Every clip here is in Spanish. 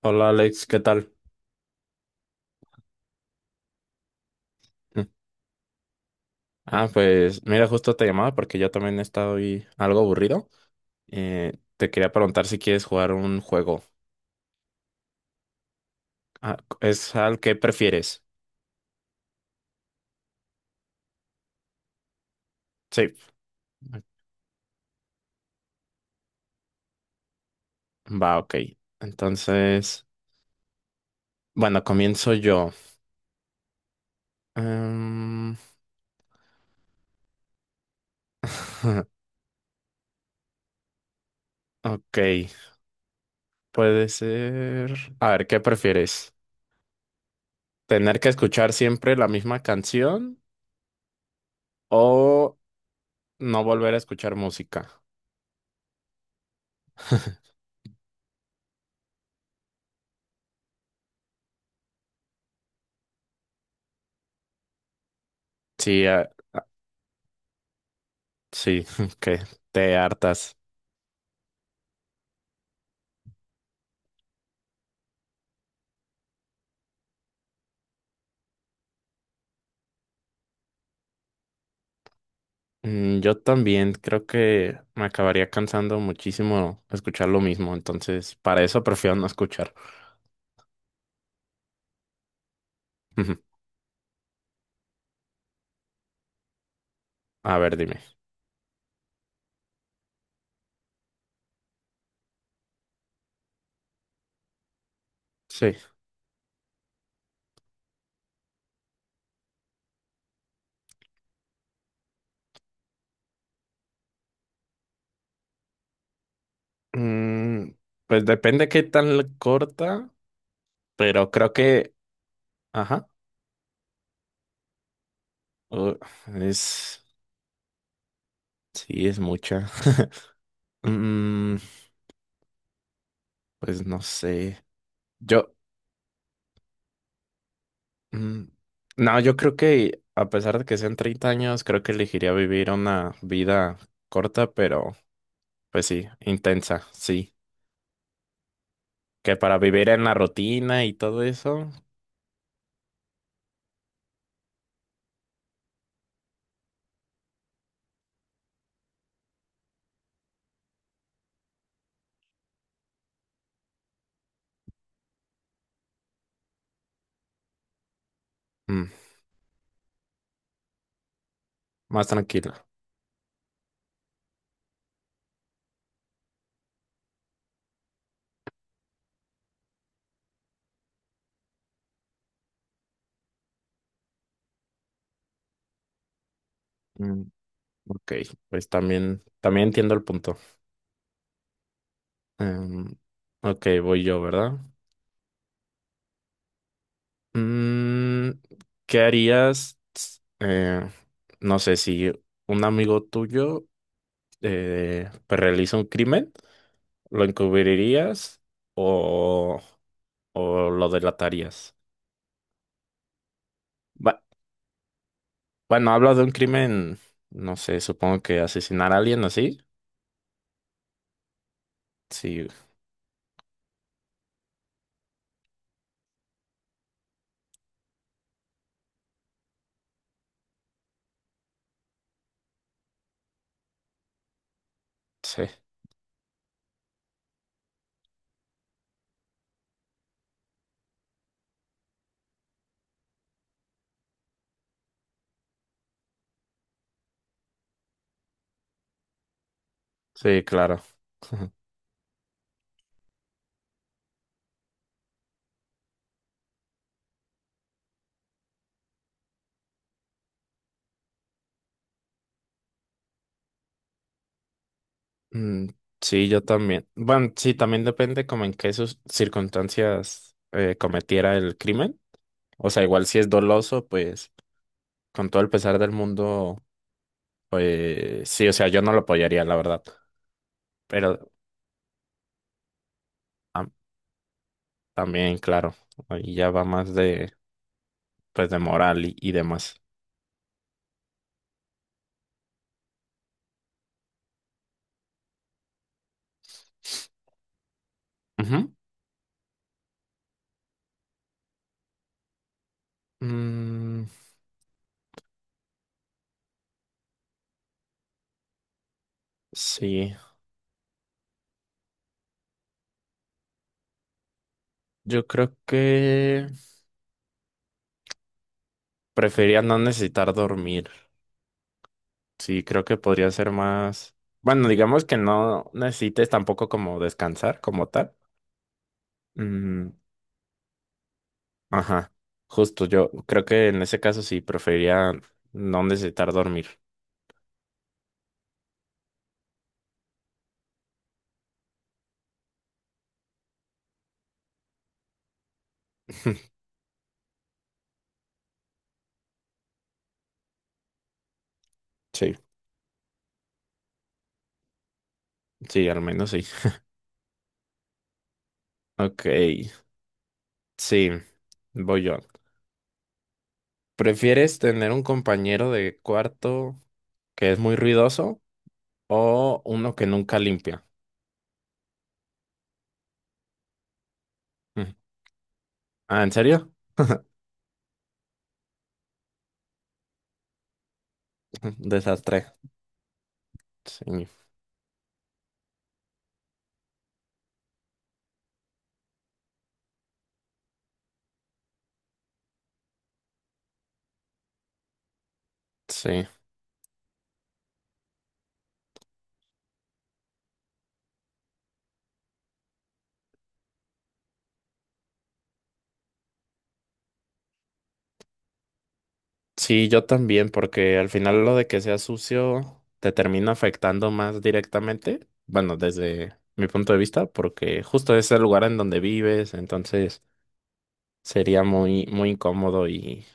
Hola Alex, ¿qué tal? Mm. Ah, pues mira, justo te llamaba porque yo también he estado ahí algo aburrido. Te quería preguntar si quieres jugar un juego. Ah, ¿es al que prefieres? Sí. Va, ok. Entonces, bueno, comienzo yo. Em, ok, puede ser. A ver, ¿qué prefieres? ¿Tener que escuchar siempre la misma canción o no volver a escuchar música? Sí, sí, que te hartas. Yo también creo que me acabaría cansando muchísimo escuchar lo mismo, entonces para eso prefiero no escuchar. Ujú. A ver, dime. Sí. Mm, pues depende qué tan corta, pero creo que, ajá, uh, es, sí, es mucha. Mm, pues no sé. Yo, mm, no, yo creo que a pesar de que sean 30 años, creo que elegiría vivir una vida corta, pero pues sí, intensa, sí. Que para vivir en la rutina y todo eso, mm, más tranquila. Mm, ok, pues también, también entiendo el punto. Em, ok, voy yo, ¿verdad? Mm, ¿qué harías? No sé si un amigo tuyo pues realiza un crimen, ¿lo encubrirías o, o lo delatarías? Va- bueno, hablo de un crimen, no sé, supongo que asesinar a alguien así. Sí, sí, sí, claro. Mm, sí, yo también. Bueno, sí, también depende como en qué sus circunstancias cometiera el crimen. O sea, igual si es doloso, pues con todo el pesar del mundo, pues sí, o sea, yo no lo apoyaría, la verdad. Pero tam- también, claro, ahí ya va más de, pues de moral y demás. Ujú. Mm, sí, yo creo que prefería no necesitar dormir. Sí, creo que podría ser más. Bueno, digamos que no necesites tampoco como descansar como tal. Mm, ajá, justo yo creo que en ese caso sí preferiría no necesitar dormir. Sí, sí, al menos sí. Ok, sí, voy yo. ¿Prefieres tener un compañero de cuarto que es muy ruidoso o uno que nunca limpia? Mm. Ah, ¿en serio? Desastre. Sí, sí. Sí, yo también, porque al final lo de que sea sucio te termina afectando más directamente. Bueno, desde mi punto de vista, porque justo es el lugar en donde vives, entonces sería muy, muy incómodo y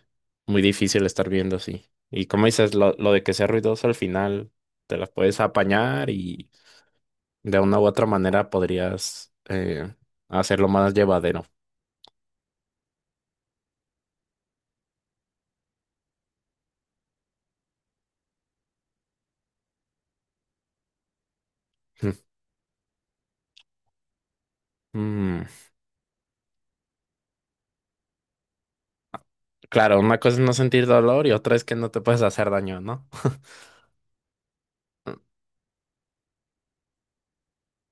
muy difícil estar viendo así. Y como dices, lo de que sea ruidoso al final te las puedes apañar y de una u otra manera podrías hacerlo más llevadero. Mm, claro, una cosa es no sentir dolor y otra es que no te puedes hacer daño, ¿no?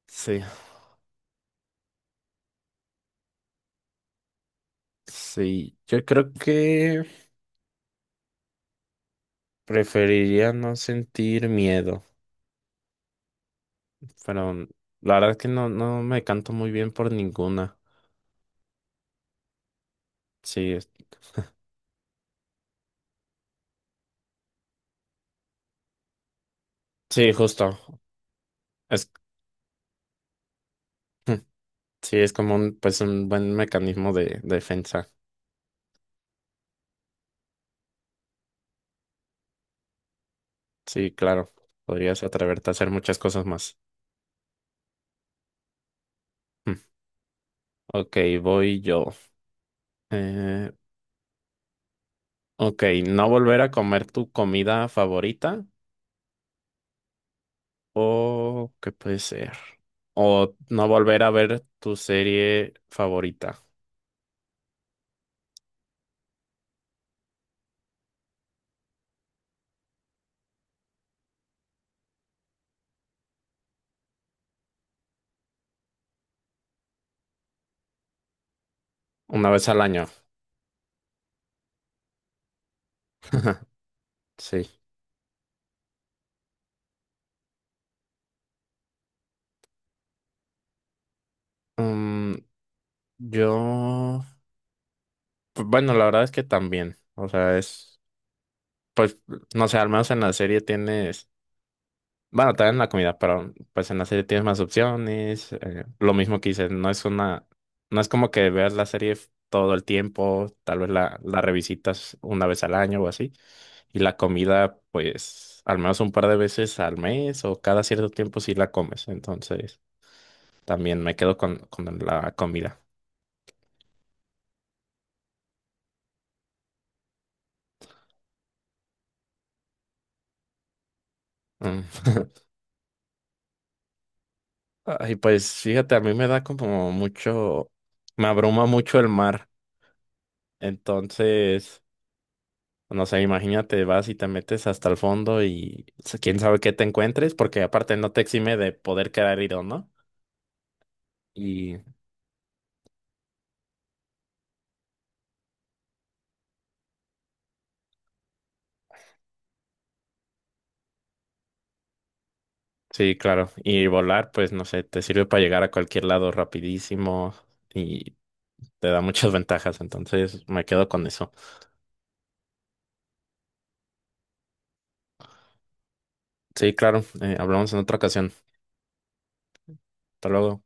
Sí. Sí, yo creo que preferiría no sentir miedo, pero la verdad es que no, no me canto muy bien por ninguna. Sí, es- sí, justo. Es, sí, es como un, pues un buen mecanismo de defensa. Sí, claro. Podrías atreverte a hacer muchas cosas más. Mm. Ok, voy yo. Eh, ok, no volver a comer tu comida favorita o ¿qué puede ser? O no volver a ver tu serie favorita. Una vez al año, sí. Mm, yo, pues bueno, la verdad es que también, o sea, es, pues, no sé, al menos en la serie tienes, bueno, también en la comida, pero pues en la serie tienes más opciones, lo mismo que dices, no es como que veas la serie todo el tiempo, tal vez la revisitas una vez al año o así, y la comida, pues, al menos un par de veces al mes o cada cierto tiempo sí la comes, entonces también me quedo con la comida. Mm. Ay, pues fíjate, a mí me da como mucho, me abruma mucho el mar. Entonces, no sé, imagínate, vas y te metes hasta el fondo y quién sabe qué te encuentres, porque aparte no te exime de poder quedar herido, ¿no? Y sí, claro. Y volar, pues no sé, te sirve para llegar a cualquier lado rapidísimo y te da muchas ventajas. Entonces, me quedo con eso. Sí, claro, hablamos en otra ocasión. Hasta luego.